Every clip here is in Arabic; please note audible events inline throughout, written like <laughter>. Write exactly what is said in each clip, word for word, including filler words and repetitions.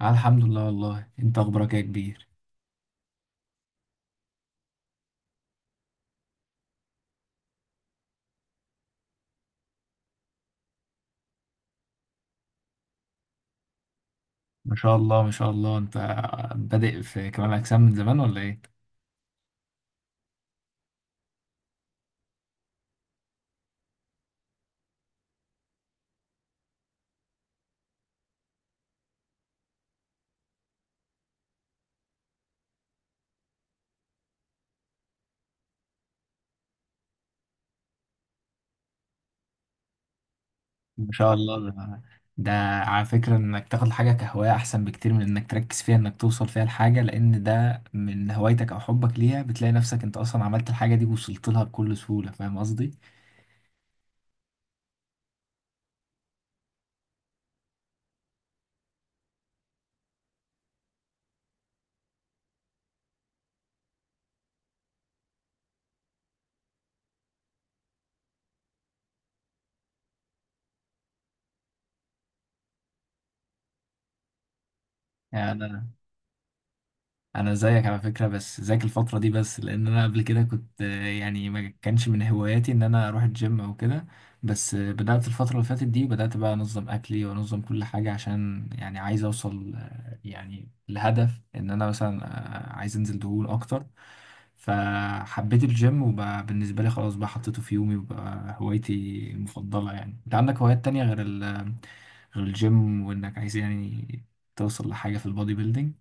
آه، الحمد لله. والله، انت اخبارك إيه يا كبير؟ ما شاء الله ما شاء الله، انت بادئ في كمال اجسام من زمان ولا ايه؟ ما شاء الله. ده, ده على فكرة، انك تاخد حاجة كهواية احسن بكتير من انك تركز فيها انك توصل فيها لحاجة، لان ده من هوايتك او حبك ليها، بتلاقي نفسك انت اصلا عملت الحاجة دي ووصلت لها بكل سهولة. فاهم قصدي؟ يعني انا زيك على فكره، بس زيك الفتره دي بس، لان انا قبل كده كنت آه، يعني ما كانش من هواياتي ان انا اروح الجيم او كده. بس آه، بدات الفتره اللي فاتت دي، بدات بقى انظم اكلي وانظم كل حاجه، عشان يعني عايز اوصل آه، يعني لهدف ان انا مثلا آه، عايز انزل دهون اكتر. فحبيت الجيم، وبقى بالنسبه لي خلاص بقى حطيته في يومي وبقى هوايتي المفضله. يعني انت عندك هوايات تانية غير ال- غير الجيم، وانك عايز يعني توصل لحاجه في البودي بيلدينج؟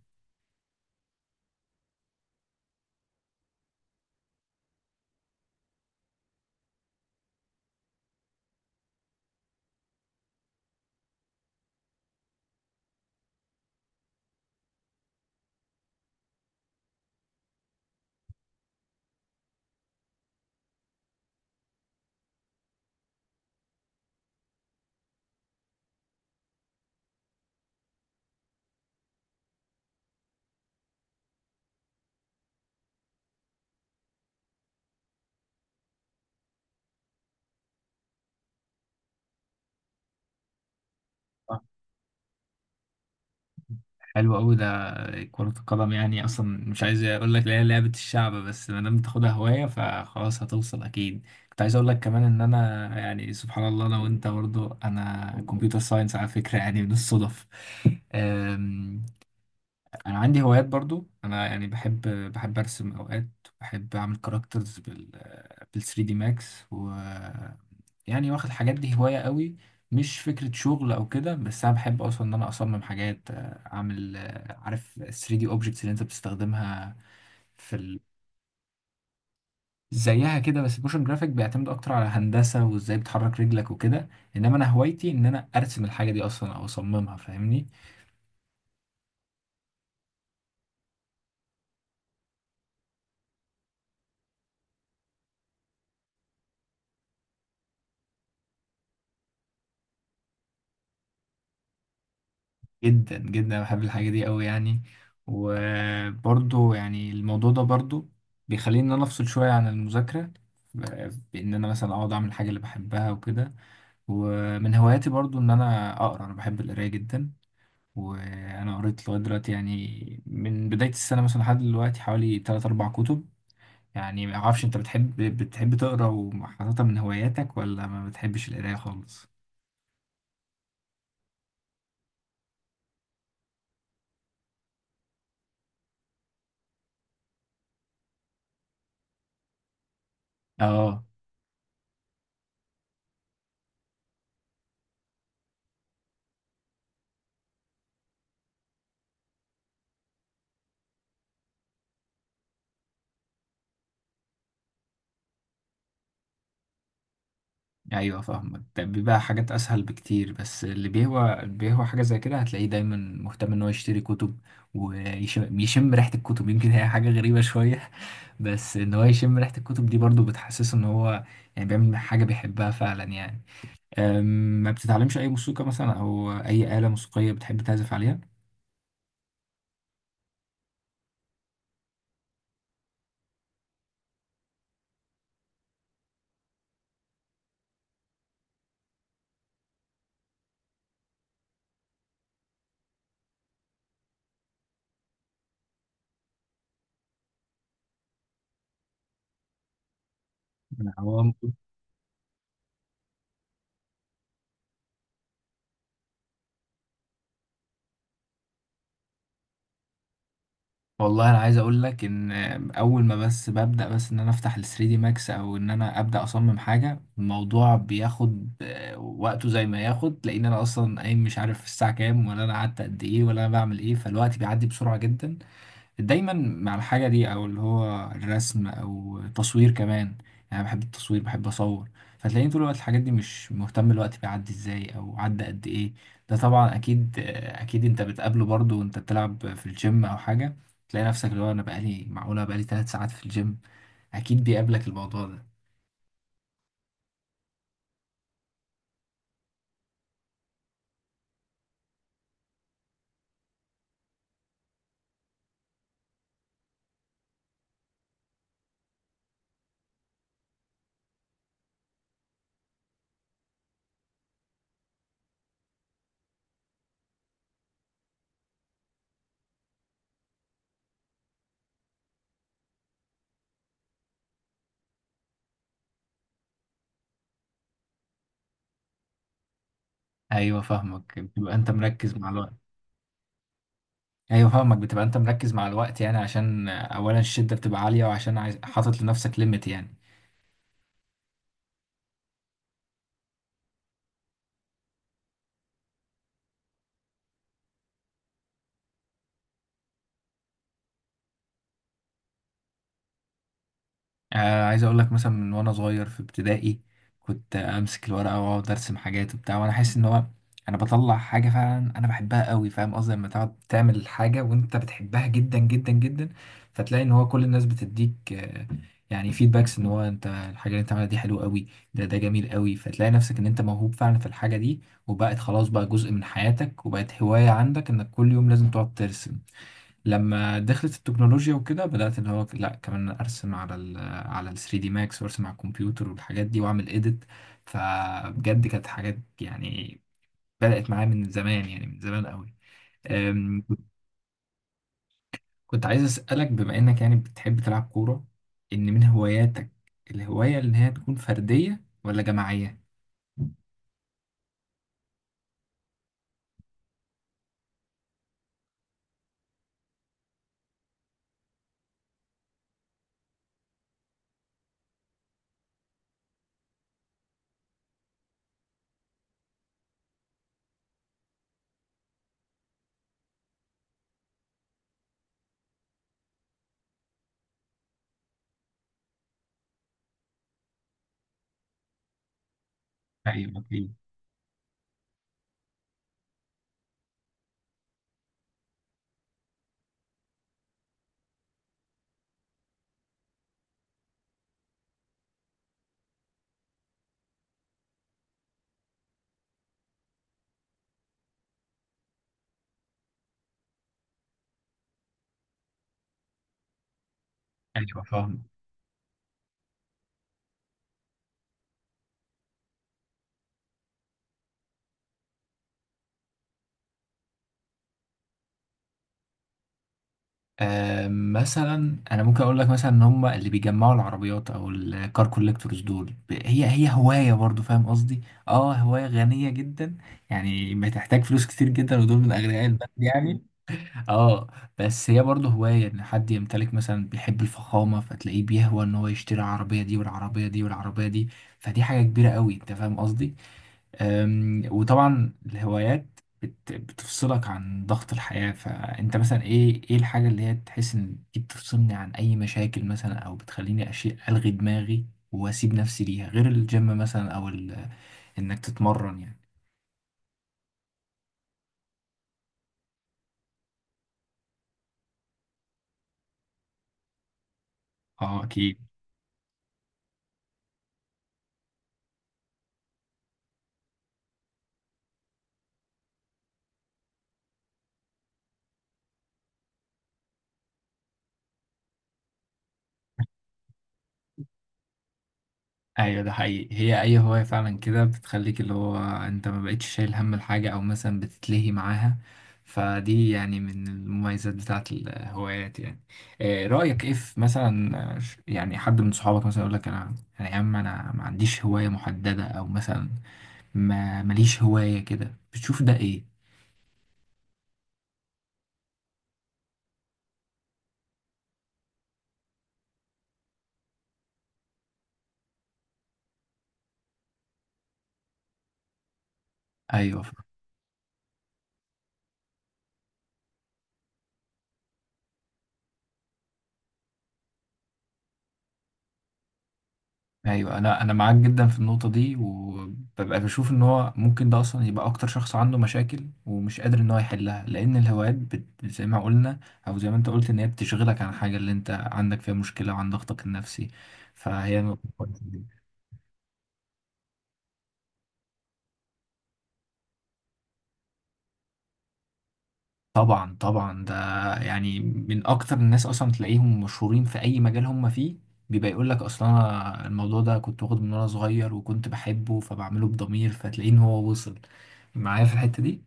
حلو قوي ده. كرة القدم يعني اصلا مش عايز اقول لك، لا، لعبة الشعب، بس ما دام تاخدها هواية فخلاص هتوصل اكيد. كنت عايز اقول لك كمان ان انا يعني سبحان الله، انا وانت برضو انا كمبيوتر ساينس على فكرة، يعني من الصدف. انا عندي هوايات برضو، انا يعني بحب بحب ارسم اوقات، بحب اعمل كاركترز بال بال تلاتة دي ماكس. و يعني واخد الحاجات دي هواية قوي، مش فكرة شغل او كده، بس انا بحب اصلا ان انا اصمم حاجات، اعمل. عارف تلاتة دي اوبجكتس اللي انت بتستخدمها في ال... زيها كده؟ بس الموشن جرافيك بيعتمد اكتر على هندسة وازاي بتحرك رجلك وكده، انما انا هوايتي ان انا ارسم الحاجة دي اصلا او اصممها. فاهمني؟ جدا جدا بحب الحاجة دي قوي يعني. وبرضو يعني الموضوع ده برضو بيخليني ان انا افصل شوية عن المذاكرة، ب- بان انا مثلا اقعد اعمل الحاجة اللي بحبها وكده. ومن هواياتي برضو ان انا اقرا، انا بحب القراية جدا. وانا قريت لغاية دلوقتي يعني، من بداية السنة مثلا لحد دلوقتي، حوالي تلاتة أربعة كتب. يعني ما اعرفش انت بتحب بتحب تقرا وحاططها من هواياتك، ولا ما بتحبش القراية خالص؟ اه. ايوه فاهمك، ده بيبقى حاجات اسهل بكتير، بس اللي بيهوى اللي بيهوى حاجه زي كده هتلاقيه دايما مهتم ان هو يشتري كتب، ويشم يشم ريحه الكتب <laughs> يمكن هي حاجه غريبه شويه <laughs> بس ان هو يشم ريحه الكتب دي برضو بتحسسه ان هو يعني بيعمل حاجه بيحبها فعلا يعني. أم، ما بتتعلمش اي موسيقى مثلا، او اي آلة موسيقيه بتحب تعزف عليها؟ أنا عوام. والله انا عايز اقول لك ان اول ما بس ببدا بس ان انا افتح ال تلاتة دي ماكس، او ان انا ابدا اصمم حاجه، الموضوع بياخد آه، وقته زي ما ياخد، لان انا اصلا قايم مش عارف الساعه كام، ولا انا قعدت قد ايه، ولا انا بعمل ايه. فالوقت بيعدي بسرعه جدا دايما مع الحاجة دي، أو اللي هو الرسم، أو تصوير كمان يعني. أنا بحب التصوير، بحب أصور. فتلاقيني طول الوقت الحاجات دي مش مهتم الوقت بيعدي إزاي أو عدى قد إيه. ده طبعا أكيد أكيد أنت بتقابله برضه وأنت بتلعب في الجيم أو حاجة، تلاقي نفسك اللي هو، أنا بقالي، معقولة بقالي تلات ساعات في الجيم؟ أكيد بيقابلك الموضوع ده. أيوه فاهمك، بتبقى أنت مركز مع الوقت. أيوه فاهمك، بتبقى أنت مركز مع الوقت، يعني عشان أولا الشدة بتبقى عالية، وعشان عايز حاطط لنفسك ليميت يعني. آه، عايز اقول لك مثلا، من وانا صغير في ابتدائي كنت امسك الورقه واقعد ارسم حاجات وبتاع، وانا احس ان هو انا بطلع حاجه فعلا انا بحبها قوي. فاهم قصدي لما تقعد تعمل حاجه وانت بتحبها جدا جدا جدا؟ فتلاقي ان هو كل الناس بتديك آه، يعني فيدباكس ان هو انت الحاجه اللي انت عاملها دي حلوه قوي، ده ده جميل قوي. فتلاقي نفسك ان انت موهوب فعلا في الحاجه دي، وبقت خلاص بقى جزء من حياتك، وبقت هوايه عندك انك كل يوم لازم تقعد ترسم. لما دخلت التكنولوجيا وكده بدأت اللي هو، لا كمان ارسم على ال على ال ثري دي ماكس، وارسم على الكمبيوتر والحاجات دي واعمل اديت. فبجد كانت حاجات يعني بدأت معايا من زمان، يعني من زمان قوي. أم، كنت عايز أسألك، بما انك يعني بتحب تلعب كورة ان من هواياتك، الهواية اللي هي تكون فردية ولا جماعية؟ ايوه، ايوه، ايوه، فاهم. آه، مثلا انا ممكن اقول لك مثلا ان هم اللي بيجمعوا العربيات، او الكار كوليكتورز دول، ب- هي هي هوايه برضو، فاهم قصدي؟ اه، هوايه غنيه جدا، يعني بتحتاج فلوس كتير جدا، ودول من اغنياء البلد يعني. اه. بس هي برضو هوايه، ان حد يمتلك مثلا، بيحب الفخامه فتلاقيه بيهوى ان هو يشتري العربيه دي، والعربيه دي، والعربيه دي. فدي حاجه كبيره قوي، انت فاهم قصدي؟ أم، وطبعا الهوايات بت- بتفصلك عن ضغط الحياة. فأنت مثلا إيه، إيه الحاجة اللي هي تحس إن دي بتفصلني عن أي مشاكل مثلا، أو بتخليني أشيء ألغي دماغي، وأسيب نفسي ليها، غير الجيم مثلا أو ال- إنك تتمرن يعني؟ أه أكيد. ايوه ده حقيقي، هي اي هواية فعلا كده بتخليك اللي هو انت ما بقتش شايل هم الحاجة، او مثلا بتتلهي معاها، فدي يعني من المميزات بتاعت الهوايات يعني. آه، رأيك ايه في مثلا، آه، ش- يعني حد من صحابك مثلا يقول لك، انا انا يا عم انا ما عنديش هواية محددة، او مثلا ما ماليش هواية كده، بتشوف ده ايه؟ ايوه، ايوه، انا انا معاك جدا في النقطه دي، وببقى بشوف ان هو ممكن ده اصلا يبقى اكتر شخص عنده مشاكل ومش قادر ان هو يحلها، لان الهوايات بت... زي ما قلنا، او زي ما انت قلت، ان هي بتشغلك عن الحاجه اللي انت عندك فيها مشكله وعن ضغطك النفسي. فهي نقطة كويسة جداً. طبعا طبعا، ده يعني من اكتر الناس اصلا تلاقيهم مشهورين في اي مجال هم فيه، بيبقى يقول لك اصلا، أنا الموضوع ده كنت واخده من وانا صغير وكنت بحبه فبعمله بضمير، فتلاقيه ان هو وصل معايا في الحته دي.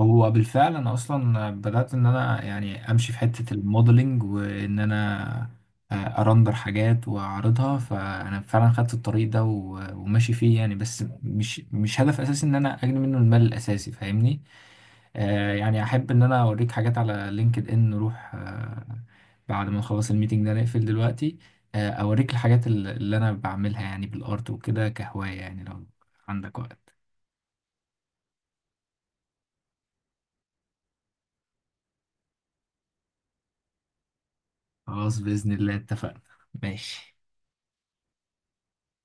هو بالفعل انا اصلا بدات ان انا يعني امشي في حته الموديلنج، وان انا آه، ارندر حاجات واعرضها، فانا فعلا خدت الطريق ده و- وماشي فيه يعني، بس مش مش هدف اساسي ان انا اجني منه المال الاساسي، فاهمني؟ آه، يعني احب ان انا اوريك حاجات على لينكد ان، نروح آه بعد ما نخلص الميتنج ده نقفل دلوقتي، آه اوريك الحاجات ال- اللي انا بعملها يعني بالارت وكده كهوايه، يعني لو عندك وقت. خلاص باذن الله، اتفقنا. ماشي.